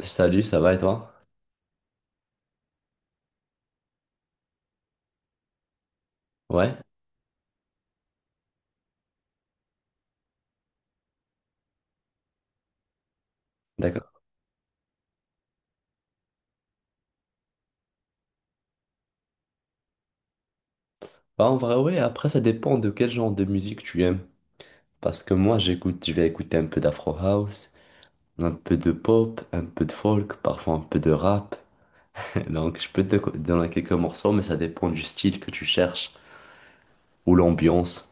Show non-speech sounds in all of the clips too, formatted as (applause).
Salut, ça va et toi? Ouais, d'accord. Bah, en vrai, ouais, après, ça dépend de quel genre de musique tu aimes. Parce que moi, j'écoute, je vais écouter un peu d'Afro House, un peu de pop, un peu de folk, parfois un peu de rap. (laughs) Donc, je peux donner quelques morceaux, mais ça dépend du style que tu cherches ou l'ambiance.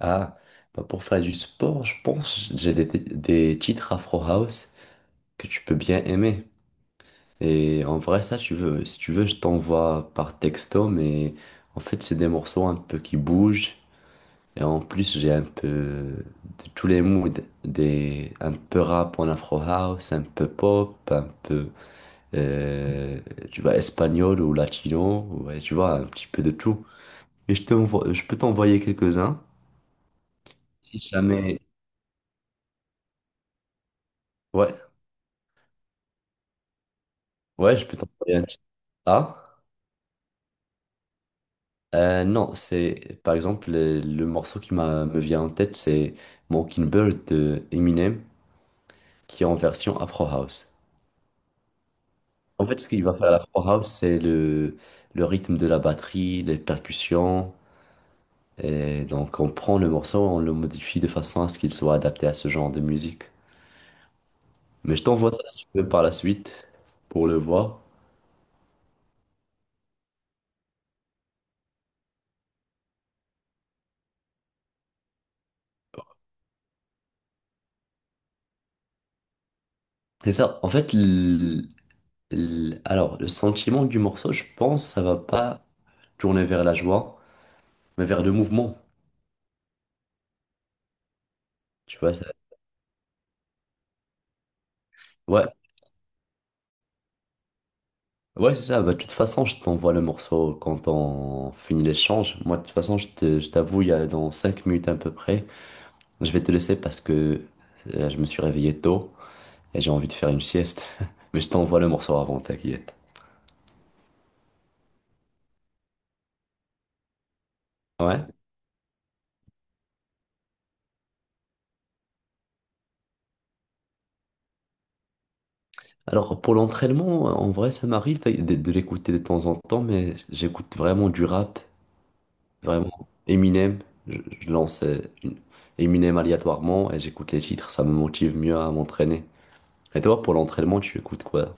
Ah, bah, pour faire du sport, je pense, que j'ai des titres Afro House que tu peux bien aimer. Et en vrai, ça, si tu veux, je t'envoie par texto, mais en fait, c'est des morceaux un peu qui bougent. Et en plus, j'ai un peu de tous les moods, un peu rap en afro house, un peu pop, un peu, euh, tu vois, espagnol ou latino, ouais, tu vois, un petit peu de tout. Et je peux t'envoyer quelques-uns. Si jamais, ouais, ouais, je peux t'envoyer un petit. Ah, non, c'est, par exemple, le morceau qui me vient en tête, c'est Mockingbird de Eminem, qui est en version afro house. En fait, ce qu'il va faire à la Afro House, c'est le rythme de la batterie, les percussions. Et donc, on prend le morceau, on le modifie de façon à ce qu'il soit adapté à ce genre de musique. Mais je t'envoie ça si tu veux par la suite pour le voir. C'est ça. En fait, alors, le sentiment du morceau, je pense, ça va pas tourner vers la joie, mais vers le mouvement. Tu vois, ouais. Ouais, c'est ça. Bah, de toute façon, je t'envoie le morceau quand on finit l'échange. Moi, de toute façon, je t'avoue, il y a dans 5 minutes à peu près. Je vais te laisser parce que je me suis réveillé tôt et j'ai envie de faire une sieste. (laughs) Mais je t'envoie le morceau avant, t'inquiète. Ouais. Alors pour l'entraînement, en vrai, ça m'arrive de l'écouter de temps en temps, mais j'écoute vraiment du rap, vraiment Eminem. Je lance Eminem aléatoirement et j'écoute les titres, ça me motive mieux à m'entraîner. Et toi, pour l'entraînement, tu écoutes quoi?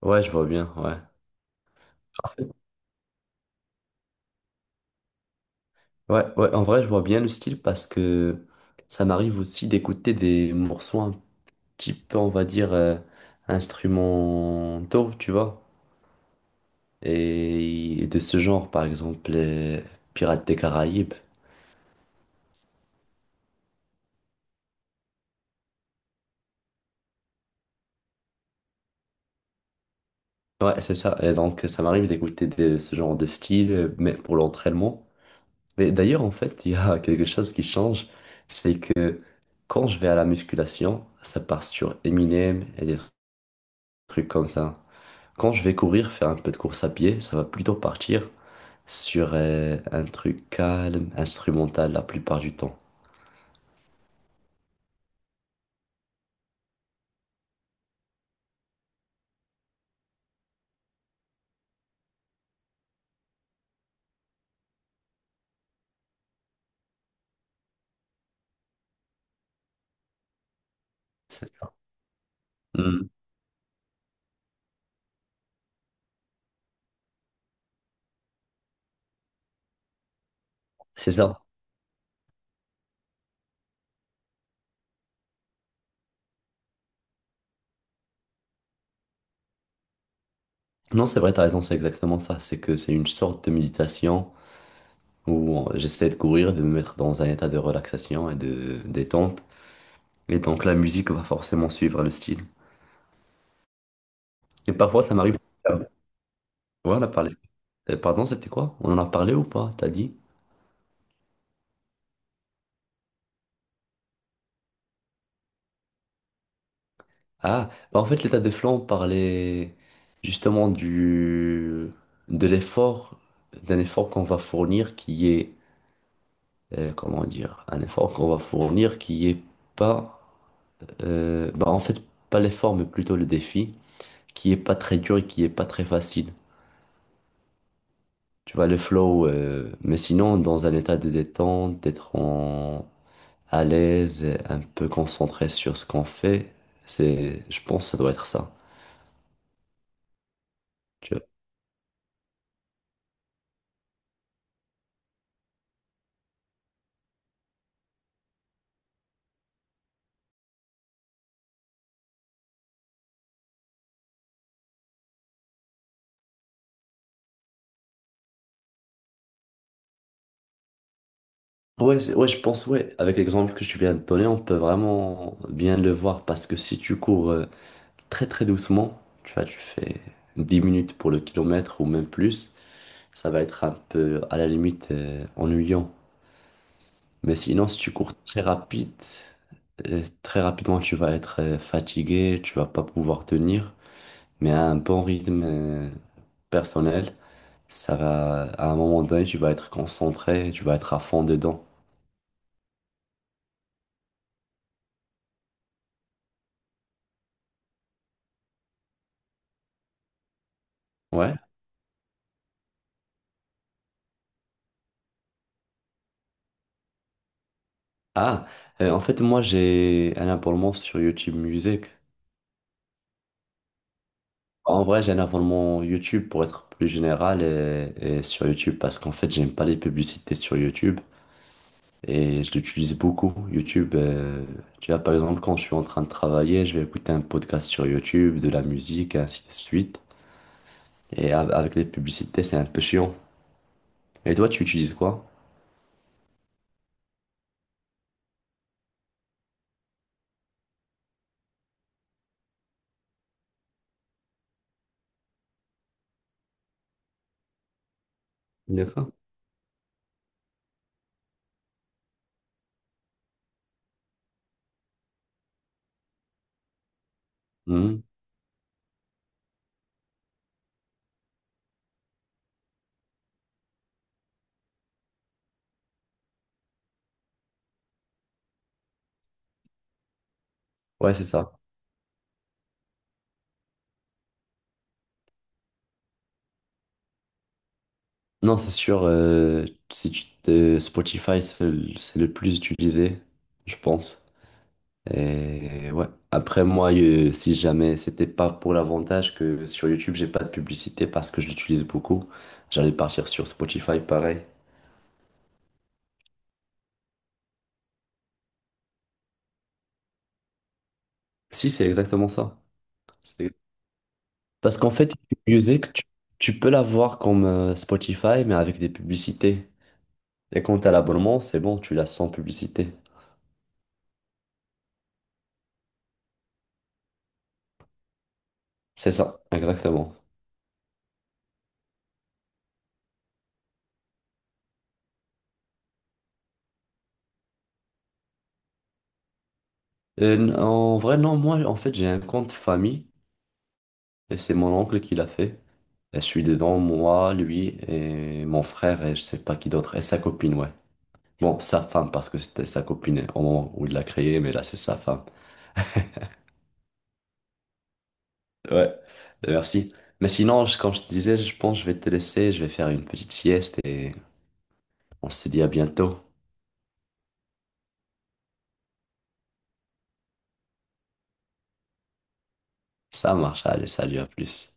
Ouais, je vois bien, ouais. Parfait. Ouais, ouais, en vrai, je vois bien le style parce que ça m'arrive aussi d'écouter des morceaux un type, on va dire, instrumentaux, tu vois. Et de ce genre, par exemple, les Pirates des Caraïbes. Ouais, c'est ça. Et donc, ça m'arrive d'écouter de ce genre de style, mais pour l'entraînement. Mais d'ailleurs, en fait, (laughs) il y a (laughs) quelque chose qui change, c'est que quand je vais à la musculation, ça part sur Eminem et des trucs comme ça. Quand je vais courir, faire un peu de course à pied, ça va plutôt partir sur un truc calme, instrumental la plupart du temps. Hmm, c'est ça. Non, c'est vrai, t'as raison, c'est exactement ça. C'est que c'est une sorte de méditation où j'essaie de courir, de me mettre dans un état de relaxation et de détente. Et donc la musique va forcément suivre le style. Et parfois, ça m'arrive. Ah, ouais. Ouais, on a parlé. Pardon, c'était quoi? On en a parlé ou pas? T'as dit? Ah, bah, en fait, l'état de flow, on parlait justement du de l'effort, d'un effort qu'on va fournir comment dire, un effort qu'on va fournir qui est pas euh, bah en fait, pas l'effort, mais plutôt le défi, qui est pas très dur et qui est pas très facile. Tu vois, le flow, mais sinon, dans un état de détente, d'être en... à l'aise, et un peu concentré sur ce qu'on fait, c'est, je pense, que ça doit être ça. Tu vois. Ouais, ouais, je pense, ouais, avec l'exemple que tu viens de donner, on peut vraiment bien le voir parce que si tu cours très très doucement, tu vois, tu fais 10 minutes pour le kilomètre ou même plus, ça va être un peu à la limite ennuyant. Mais sinon, si tu cours très rapide, très rapidement, tu vas être fatigué, tu vas pas pouvoir tenir. Mais à un bon rythme personnel, ça va, à un moment donné, tu vas être concentré, tu vas être à fond dedans. Ouais. Ah, en fait, moi, j'ai un abonnement sur YouTube Music. En vrai, j'ai un abonnement YouTube pour être plus général et sur YouTube parce qu'en fait, j'aime pas les publicités sur YouTube. Et je l'utilise beaucoup, YouTube. Tu vois, par exemple, quand je suis en train de travailler, je vais écouter un podcast sur YouTube, de la musique, et ainsi de suite. Et avec les publicités, c'est un peu chiant. Et toi, tu utilises quoi? D'accord. Mhm. Ouais, c'est ça. Non, c'est sûr, si Spotify, c'est le plus utilisé, je pense. Et ouais. Après, moi, si jamais c'était pas pour l'avantage que sur YouTube, j'ai pas de publicité parce que je l'utilise beaucoup, j'allais partir sur Spotify pareil. Si, c'est exactement ça. C'est- Parce qu'en fait, YouTube Music, tu peux l'avoir comme Spotify, mais avec des publicités. Et quand t'as l'abonnement, c'est bon, tu l'as sans publicité. C'est ça, exactement. Et en vrai, non, moi, en fait, j'ai un compte famille, et c'est mon oncle qui l'a fait. Et je suis dedans, moi, lui, et mon frère, et je sais pas qui d'autre, et sa copine, ouais. Bon, sa femme, parce que c'était sa copine au moment où il l'a créé, mais là, c'est sa femme. Ouais, bah, merci. Mais sinon, comme je te disais, je pense que je vais te laisser, je vais faire une petite sieste et on se dit à bientôt. Ça marche, allez, salut, à plus.